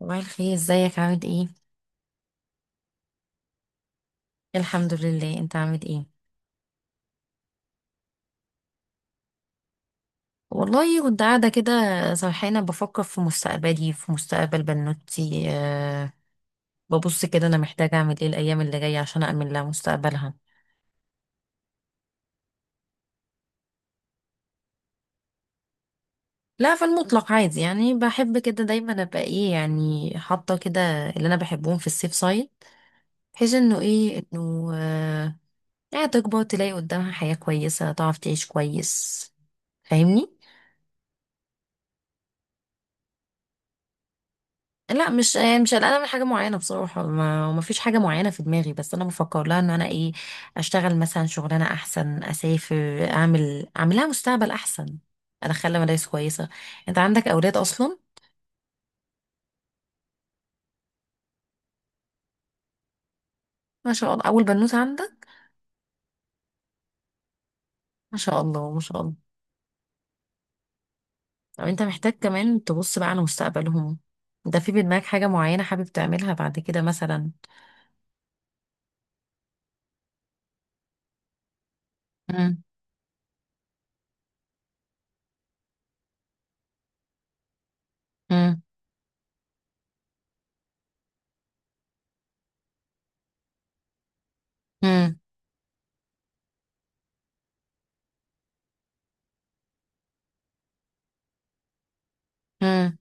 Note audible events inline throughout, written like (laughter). صباح الخير، ازيك؟ عامل ايه؟ الحمد لله، انت عامل ايه؟ والله كنت قاعده كده سرحانه بفكر في مستقبلي، في مستقبل بنوتي. ببص كده انا محتاجه اعمل ايه الايام اللي جايه عشان اامن لها مستقبلها. لا، في المطلق عادي، يعني بحب كده دايما ابقى ايه يعني حاطه كده اللي انا بحبهم في السيف سايد، بحيث انه ايه انه أه يعني تكبر تلاقي قدامها حياه كويسه، تعرف تعيش كويس. فاهمني؟ لا، مش يعني مش قلقانه من حاجه معينه بصراحه، ما فيش حاجه معينه في دماغي، بس انا بفكر لها ان انا ايه، اشتغل مثلا شغلانه احسن، اسافر، اعمل لها مستقبل احسن، ادخل لها مدارس كويسه. انت عندك اولاد اصلا؟ ما شاء الله، اول بنوته عندك. ما شاء الله، ما شاء الله. طب انت محتاج كمان تبص بقى على مستقبلهم، ده في بدماغك حاجه معينه حابب تعملها بعد كده مثلا؟ مم. مم. مم. مم.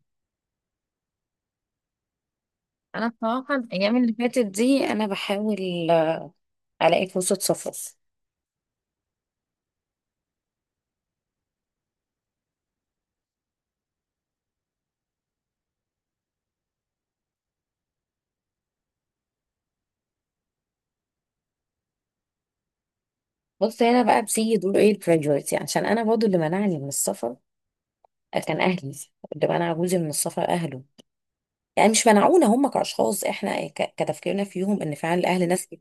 انا بصراحه الايام اللي فاتت دي انا بحاول الاقي فرصه سفر. بص، هنا بقى بسيجي يقولوا ايه الجراديويتي، عشان انا برضو اللي منعني من السفر كان اهلي، اللي منع جوزي من السفر اهله. يعني مش منعونا هم كاشخاص، احنا كتفكيرنا فيهم ان فعلا الاهل ناس كده.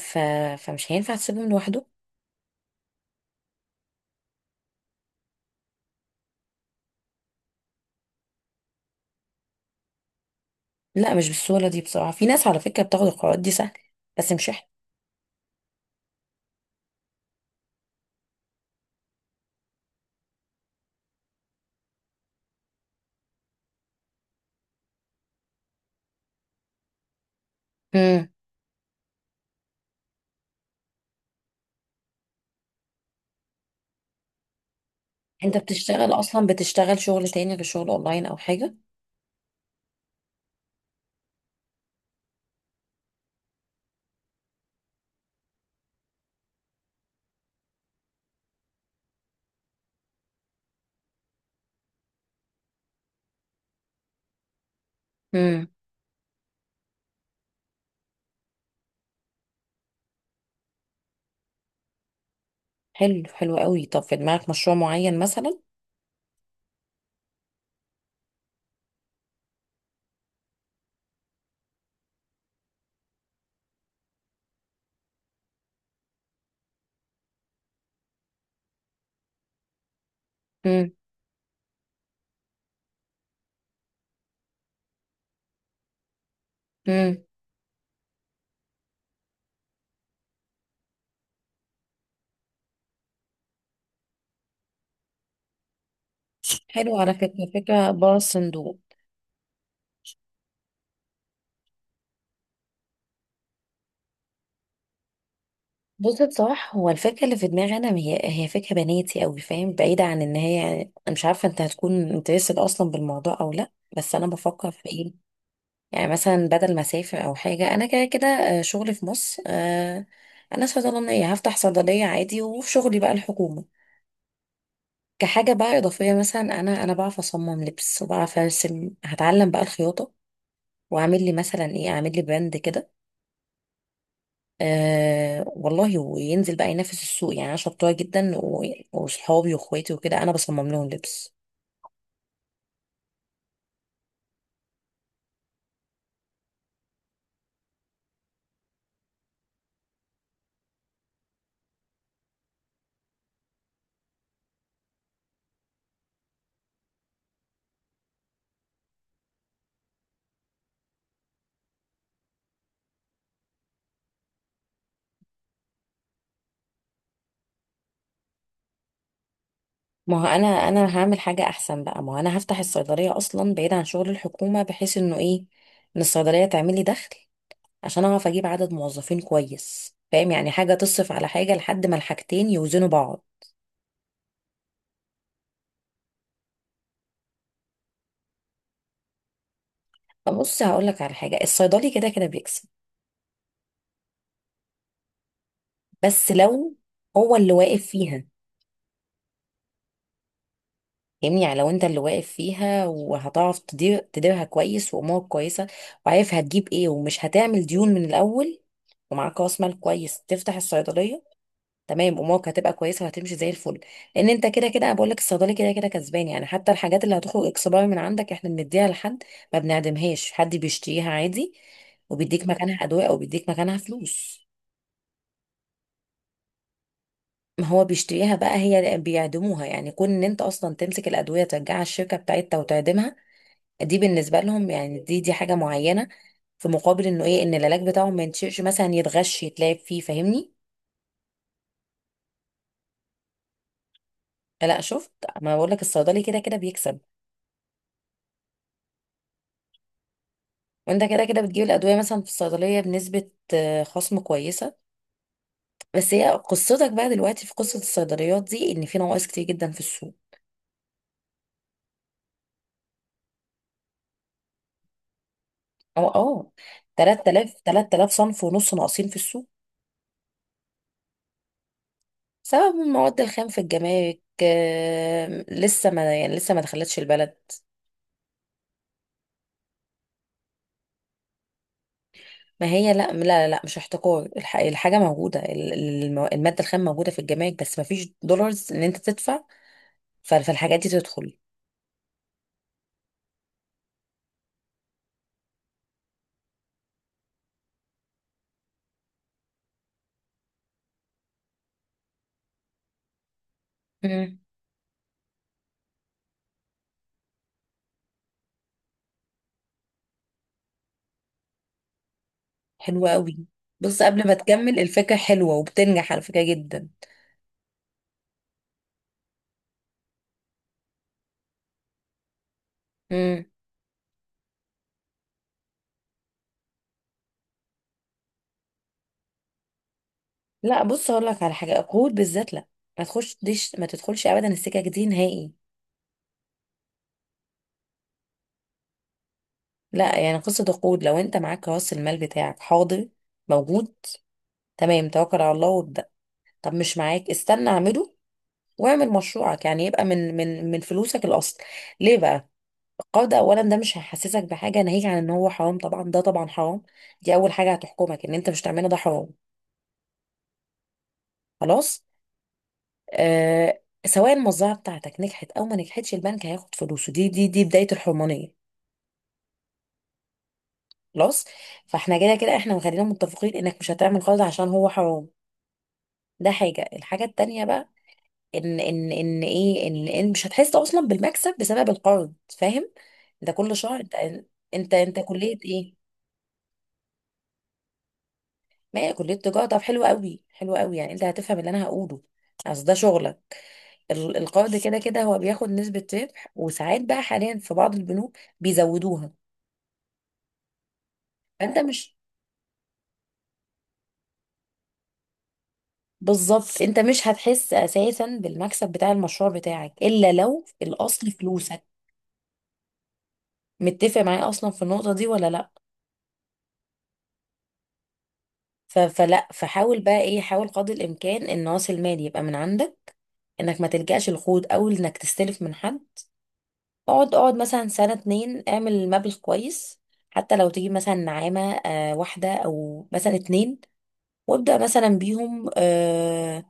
ف... فمش هينفع تسيبهم لوحده. لا، مش بالسهوله دي بصراحه، في ناس على فكره بتاخد القرارات دي سهل، بس مش احنا. امم انت بتشتغل اصلا، بتشتغل شغل تاني غير شغل اونلاين او حاجه؟ امم حلو، حلو قوي. طب في دماغك مشروع معين مثلا؟ امم امم حلو، على فكره فكره بره الصندوق. بص، بصراحة هو الفكرة اللي في دماغي أنا هي فكرة بناتي أوي، فاهم؟ بعيدة عن إن هي يعني أنا مش عارفة أنت هتكون انترستد أصلا بالموضوع أو لأ، بس أنا بفكر في إيه، يعني مثلا بدل ما أسافر أو حاجة، أنا كده كده شغلي في مصر، أنا صيدلانية، هفتح صيدلية عادي، وفي شغلي بقى الحكومة. كحاجة بقى إضافية مثلا، أنا بعرف أصمم لبس، وبعرف أرسم، هتعلم بقى الخياطة وأعمل لي مثلا إيه، أعمل لي براند كده. آه والله، وينزل بقى ينافس السوق. يعني انا شطوره جدا وصحابي واخواتي وكده انا بصمم لهم لبس. ما هو انا هعمل حاجه احسن بقى، ما هو انا هفتح الصيدليه اصلا بعيد عن شغل الحكومه، بحيث انه ايه، ان الصيدليه تعمل لي دخل عشان اعرف اجيب عدد موظفين كويس. فاهم؟ يعني حاجه تصرف على حاجه لحد ما الحاجتين يوزنوا بعض. فبص هقول لك على حاجه، الصيدلي كده كده بيكسب، بس لو هو اللي واقف فيها. فاهمني؟ يعني لو انت اللي واقف فيها، وهتعرف تديرها كويس، وامورك كويسه، وعارف هتجيب ايه، ومش هتعمل ديون من الاول، ومعاك راس مال كويس تفتح الصيدليه، تمام، امورك هتبقى كويسه، وهتمشي زي الفل. لان انت كده كده، انا بقول لك الصيدلي كده كده كسبان. يعني حتى الحاجات اللي هتخرج اكسبايري من عندك، احنا بنديها لحد، ما بنعدمهاش، حد بيشتريها عادي وبيديك مكانها ادويه او بيديك مكانها فلوس. ما هو بيشتريها بقى هي بيعدموها، يعني كون ان انت اصلا تمسك الادويه ترجعها الشركه بتاعتها وتعدمها دي بالنسبه لهم يعني، دي حاجه معينه، في مقابل انه ايه، ان العلاج بتاعهم ما ينشئش مثلا، يتغش يتلعب فيه. فاهمني؟ لا شفت، ما بقول لك الصيدلي كده كده بيكسب. وانت كده كده بتجيب الادويه مثلا في الصيدليه بنسبه خصم كويسه. بس هي قصتك بقى دلوقتي في قصه الصيدليات دي، ان في نواقص كتير جدا في السوق. اه، اه، 3000 صنف ونص ناقصين في السوق، بسبب المواد الخام في الجمارك، لسه ما يعني لسه ما دخلتش البلد. ما هي لا، مش احتكار، الحاجة موجودة، المادة الخام موجودة في الجمارك، بس ما فيش دولارز ان انت تدفع، فالحاجات دي تدخل. امم حلوة قوي. بص، قبل ما تكمل الفكرة حلوة وبتنجح على فكرة جدا. امم لا بص، اقول لك على حاجة، القروض بالذات لا، ما تخش ديش، ما تدخلش ابدا السكك دي نهائي. لا يعني قصة القروض، لو انت معاك راس المال بتاعك حاضر موجود، تمام، توكل على الله وابدأ. طب مش معاك، استنى اعمله، واعمل مشروعك يعني يبقى من فلوسك الاصل. ليه بقى القرض؟ اولا ده مش هيحسسك بحاجه، ناهيك عن ان هو حرام طبعا، ده طبعا حرام. دي اول حاجه هتحكمك ان انت مش تعمله، ده حرام. خلاص. آه سواء المزرعه بتاعتك نجحت او ما نجحتش، البنك هياخد فلوسه، دي دي بدايه الحرمانيه. خلاص. فاحنا كده كده احنا خلينا متفقين انك مش هتعمل قرض عشان هو حرام، ده حاجه. الحاجه التانيه بقى، ان ان ان ايه ان ان مش هتحس اصلا بالمكسب بسبب القرض. فاهم؟ انت كل شهر انت، انت كلية ايه؟ ما هي كلية تجارة، طب حلو قوي، حلو قوي، يعني انت هتفهم اللي انا هقوله، اصل ده شغلك. القرض كده كده هو بياخد نسبة ربح، وساعات بقى حاليا في بعض البنوك بيزودوها. فانت مش بالظبط، انت مش هتحس اساسا بالمكسب بتاع المشروع بتاعك الا لو الاصل فلوسك. متفق معايا اصلا في النقطة دي ولا لا؟ ف- فلا فحاول بقى ايه، حاول قدر الامكان ان راس المال يبقى من عندك، انك ما تلجأش القروض او انك تستلف من حد. اقعد مثلا سنة اتنين، اعمل مبلغ كويس، حتى لو تجيب مثلا نعامة، واحدة او مثلا اتنين، وابدأ مثلا بيهم،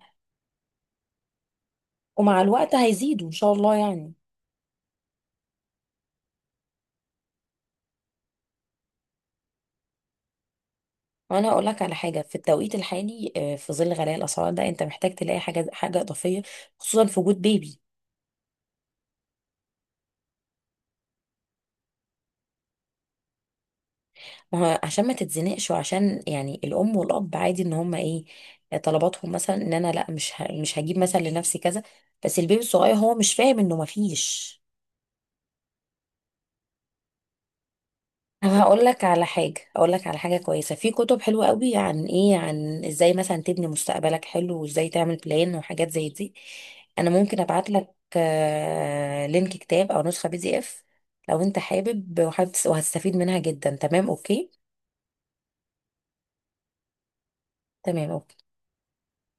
ومع الوقت هيزيدوا ان شاء الله يعني. وانا اقول لك على حاجه، في التوقيت الحالي في ظل غلاء الاسعار ده، انت محتاج تلاقي حاجه، حاجه اضافيه، خصوصا في وجود بيبي. ما هو عشان ما تتزنقش، وعشان يعني الام والاب عادي ان هما ايه، طلباتهم مثلا ان انا لا، مش هجيب مثلا لنفسي كذا، بس البيبي الصغير هو مش فاهم انه مفيش. طب (laughs) هقول لك على حاجه، اقول لك على حاجه كويسه، في كتب حلوه قوي عن ايه، عن ازاي مثلا تبني مستقبلك حلو، وازاي تعمل بلان وحاجات زي دي. انا ممكن ابعت لك لينك كتاب او نسخه PDF، لو انت حابب. وحابب وهتستفيد منها جدا، تمام، اوكي؟ تمام، اوكي.